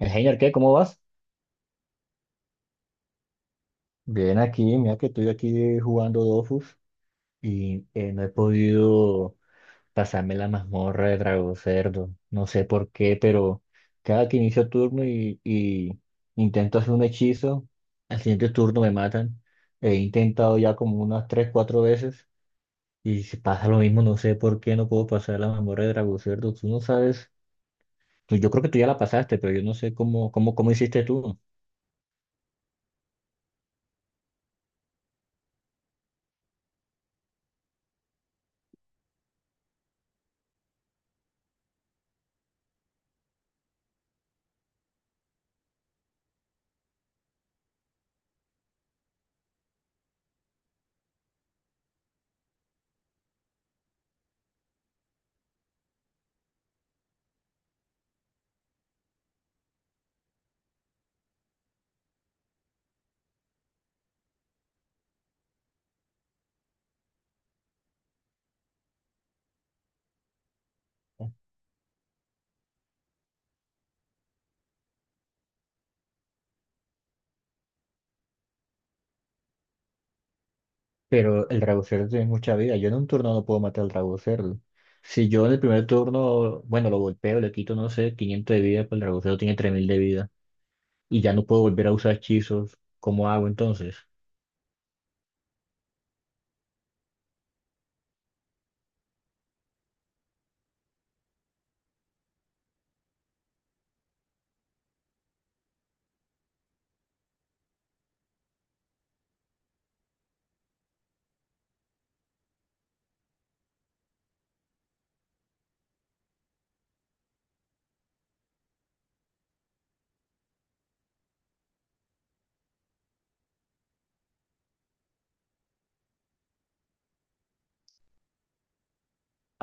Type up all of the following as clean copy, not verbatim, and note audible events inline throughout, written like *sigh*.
Señor, ¿qué? ¿Cómo vas? Bien, aquí, mira que estoy aquí jugando Dofus y no he podido pasarme la mazmorra de Drago Cerdo. No sé por qué, pero cada que inicio turno y intento hacer un hechizo, al siguiente turno me matan. He intentado ya como unas tres, cuatro veces y si pasa lo mismo, no sé por qué no puedo pasar la mazmorra de Drago Cerdo. Tú no sabes, yo creo que tú ya la pasaste, pero yo no sé cómo hiciste tú. Pero el Dragocerdo tiene mucha vida. Yo en un turno no puedo matar al Dragocerdo. Si yo en el primer turno, bueno, lo golpeo, le quito, no sé, 500 de vida, pues el Dragocerdo tiene 3000 de vida. Y ya no puedo volver a usar hechizos. ¿Cómo hago entonces?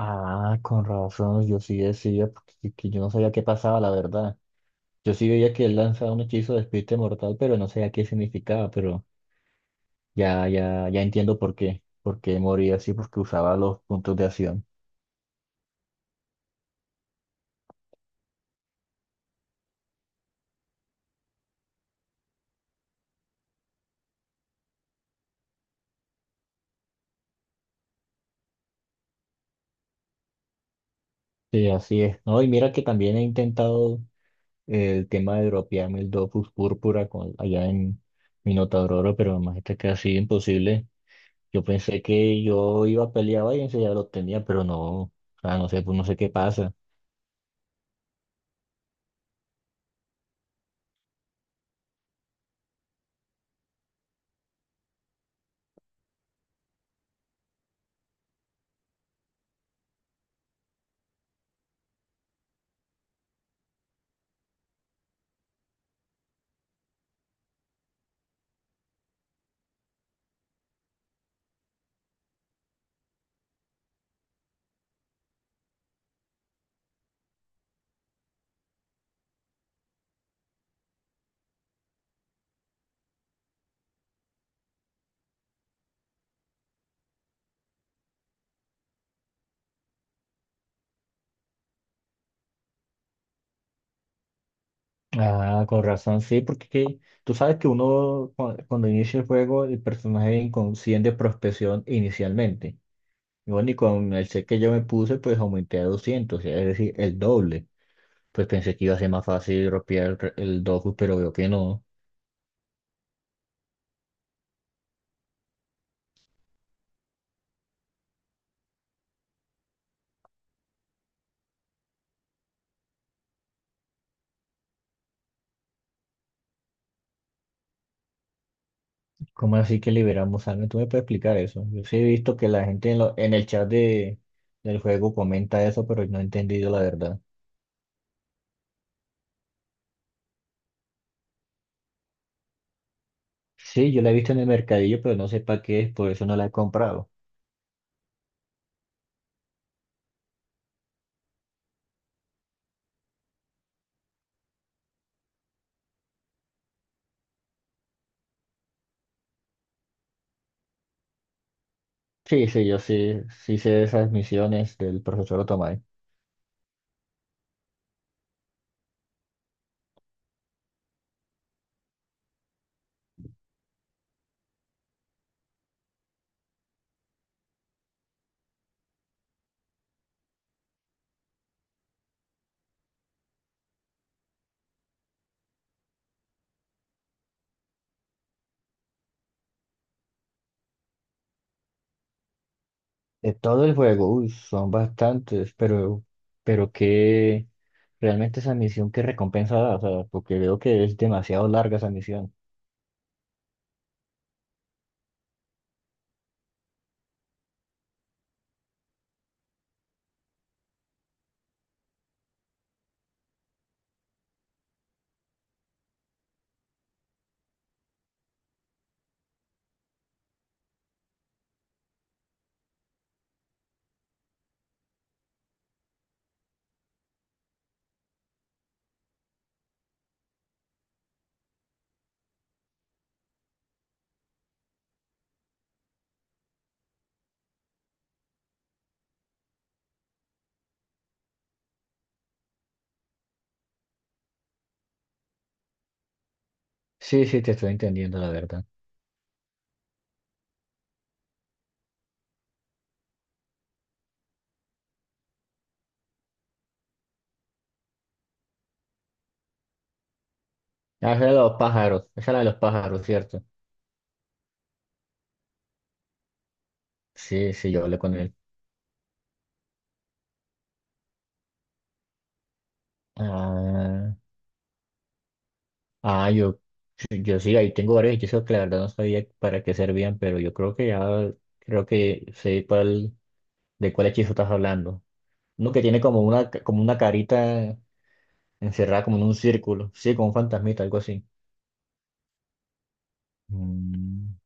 Ah, con razón, yo sí decía, porque que yo no sabía qué pasaba, la verdad. Yo sí veía que él lanzaba un hechizo de espíritu mortal, pero no sabía qué significaba, pero ya entiendo por qué. Por qué moría así, porque usaba los puntos de acción. Sí, así es. No, y mira que también he intentado el tema de dropearme el Dofus Púrpura con, allá en Minotauro, pero más está casi imposible. Yo pensé que yo iba a pelear Valencia y ya lo tenía, pero no, o sea, no sé, pues no sé qué pasa. Ah, con razón, sí, tú sabes que cuando inicia el juego, el personaje es inconsciente de prospección inicialmente. Y bueno, y con el set que yo me puse, pues aumenté a 200, es decir, el doble. Pues pensé que iba a ser más fácil dropear el Dofus, pero veo que no. ¿Cómo así que liberamos sangre? ¿Tú me puedes explicar eso? Yo sí he visto que la gente en, en el chat del juego comenta eso, pero no he entendido la verdad. Sí, yo la he visto en el mercadillo, pero no sé para qué es, por eso no la he comprado. Sí, sí, yo sí, sí sé de esas misiones del profesor Otomay. De todo el juego, uy, son bastantes, pero que realmente esa misión, ¿qué recompensa da? O sea, porque veo que es demasiado larga esa misión. Sí, sí, te estoy entendiendo la verdad. Ah, esa de los pájaros, esa es la de los pájaros, ¿cierto? Sí, sí, yo hablé con él. Ah, ah, yo sí, ahí tengo varios hechizos que la verdad no sabía para qué servían, pero yo creo que ya, creo que sé de cuál hechizo estás hablando. Uno que tiene como una, como una carita encerrada como en un círculo, sí, como un fantasmita, algo así. Mm.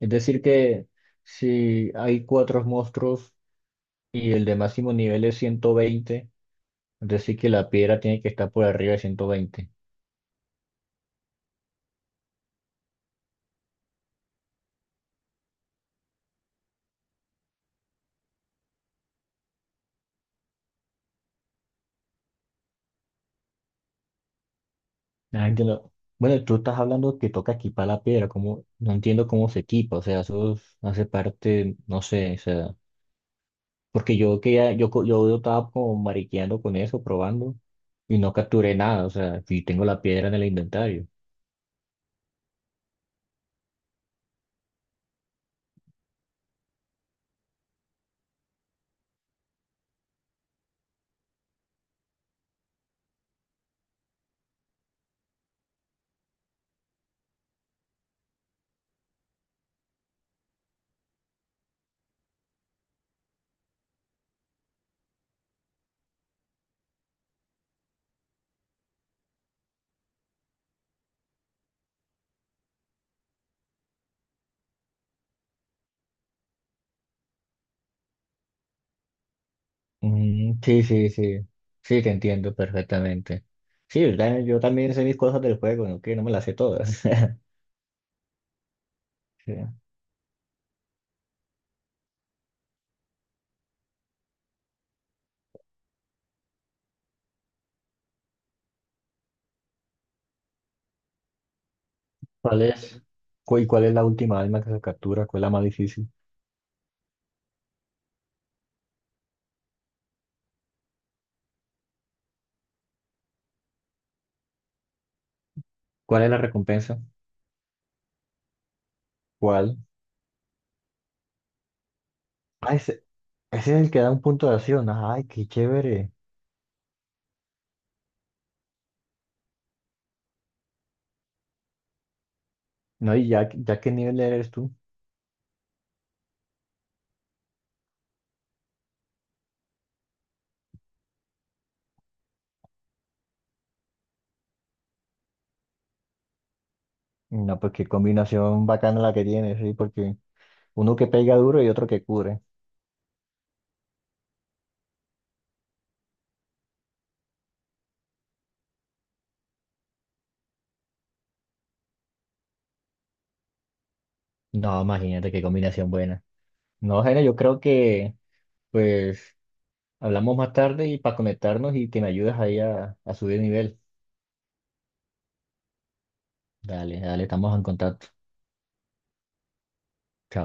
Es decir que si hay cuatro monstruos y el de máximo nivel es 120, es decir que la piedra tiene que estar por arriba de 120. Ah, entiendo. Bueno, tú estás hablando que toca equipar la piedra, como no entiendo cómo se equipa, o sea, hace parte, no sé, o sea, porque yo que ya, yo, co- yo estaba como mariqueando con eso, probando, y no capturé nada, o sea, y tengo la piedra en el inventario. Mm, sí, te entiendo perfectamente. Sí, ¿verdad? Yo también sé mis cosas del juego, ¿no? Que no me las sé todas. *laughs* Sí. ¿Cuál es? ¿Y cuál es la última alma que se captura? ¿Cuál es la más difícil? ¿Cuál es la recompensa? ¿Cuál? Ese es el que da un punto de acción. Ay, qué chévere. No, y ya, ya qué nivel eres tú. No, pues qué combinación bacana la que tienes, sí, porque uno que pega duro y otro que cubre. No, imagínate qué combinación buena. No, Gene, yo creo que pues hablamos más tarde y para conectarnos y que me ayudes ahí a subir nivel. Dale, dale, estamos en contacto. Chao.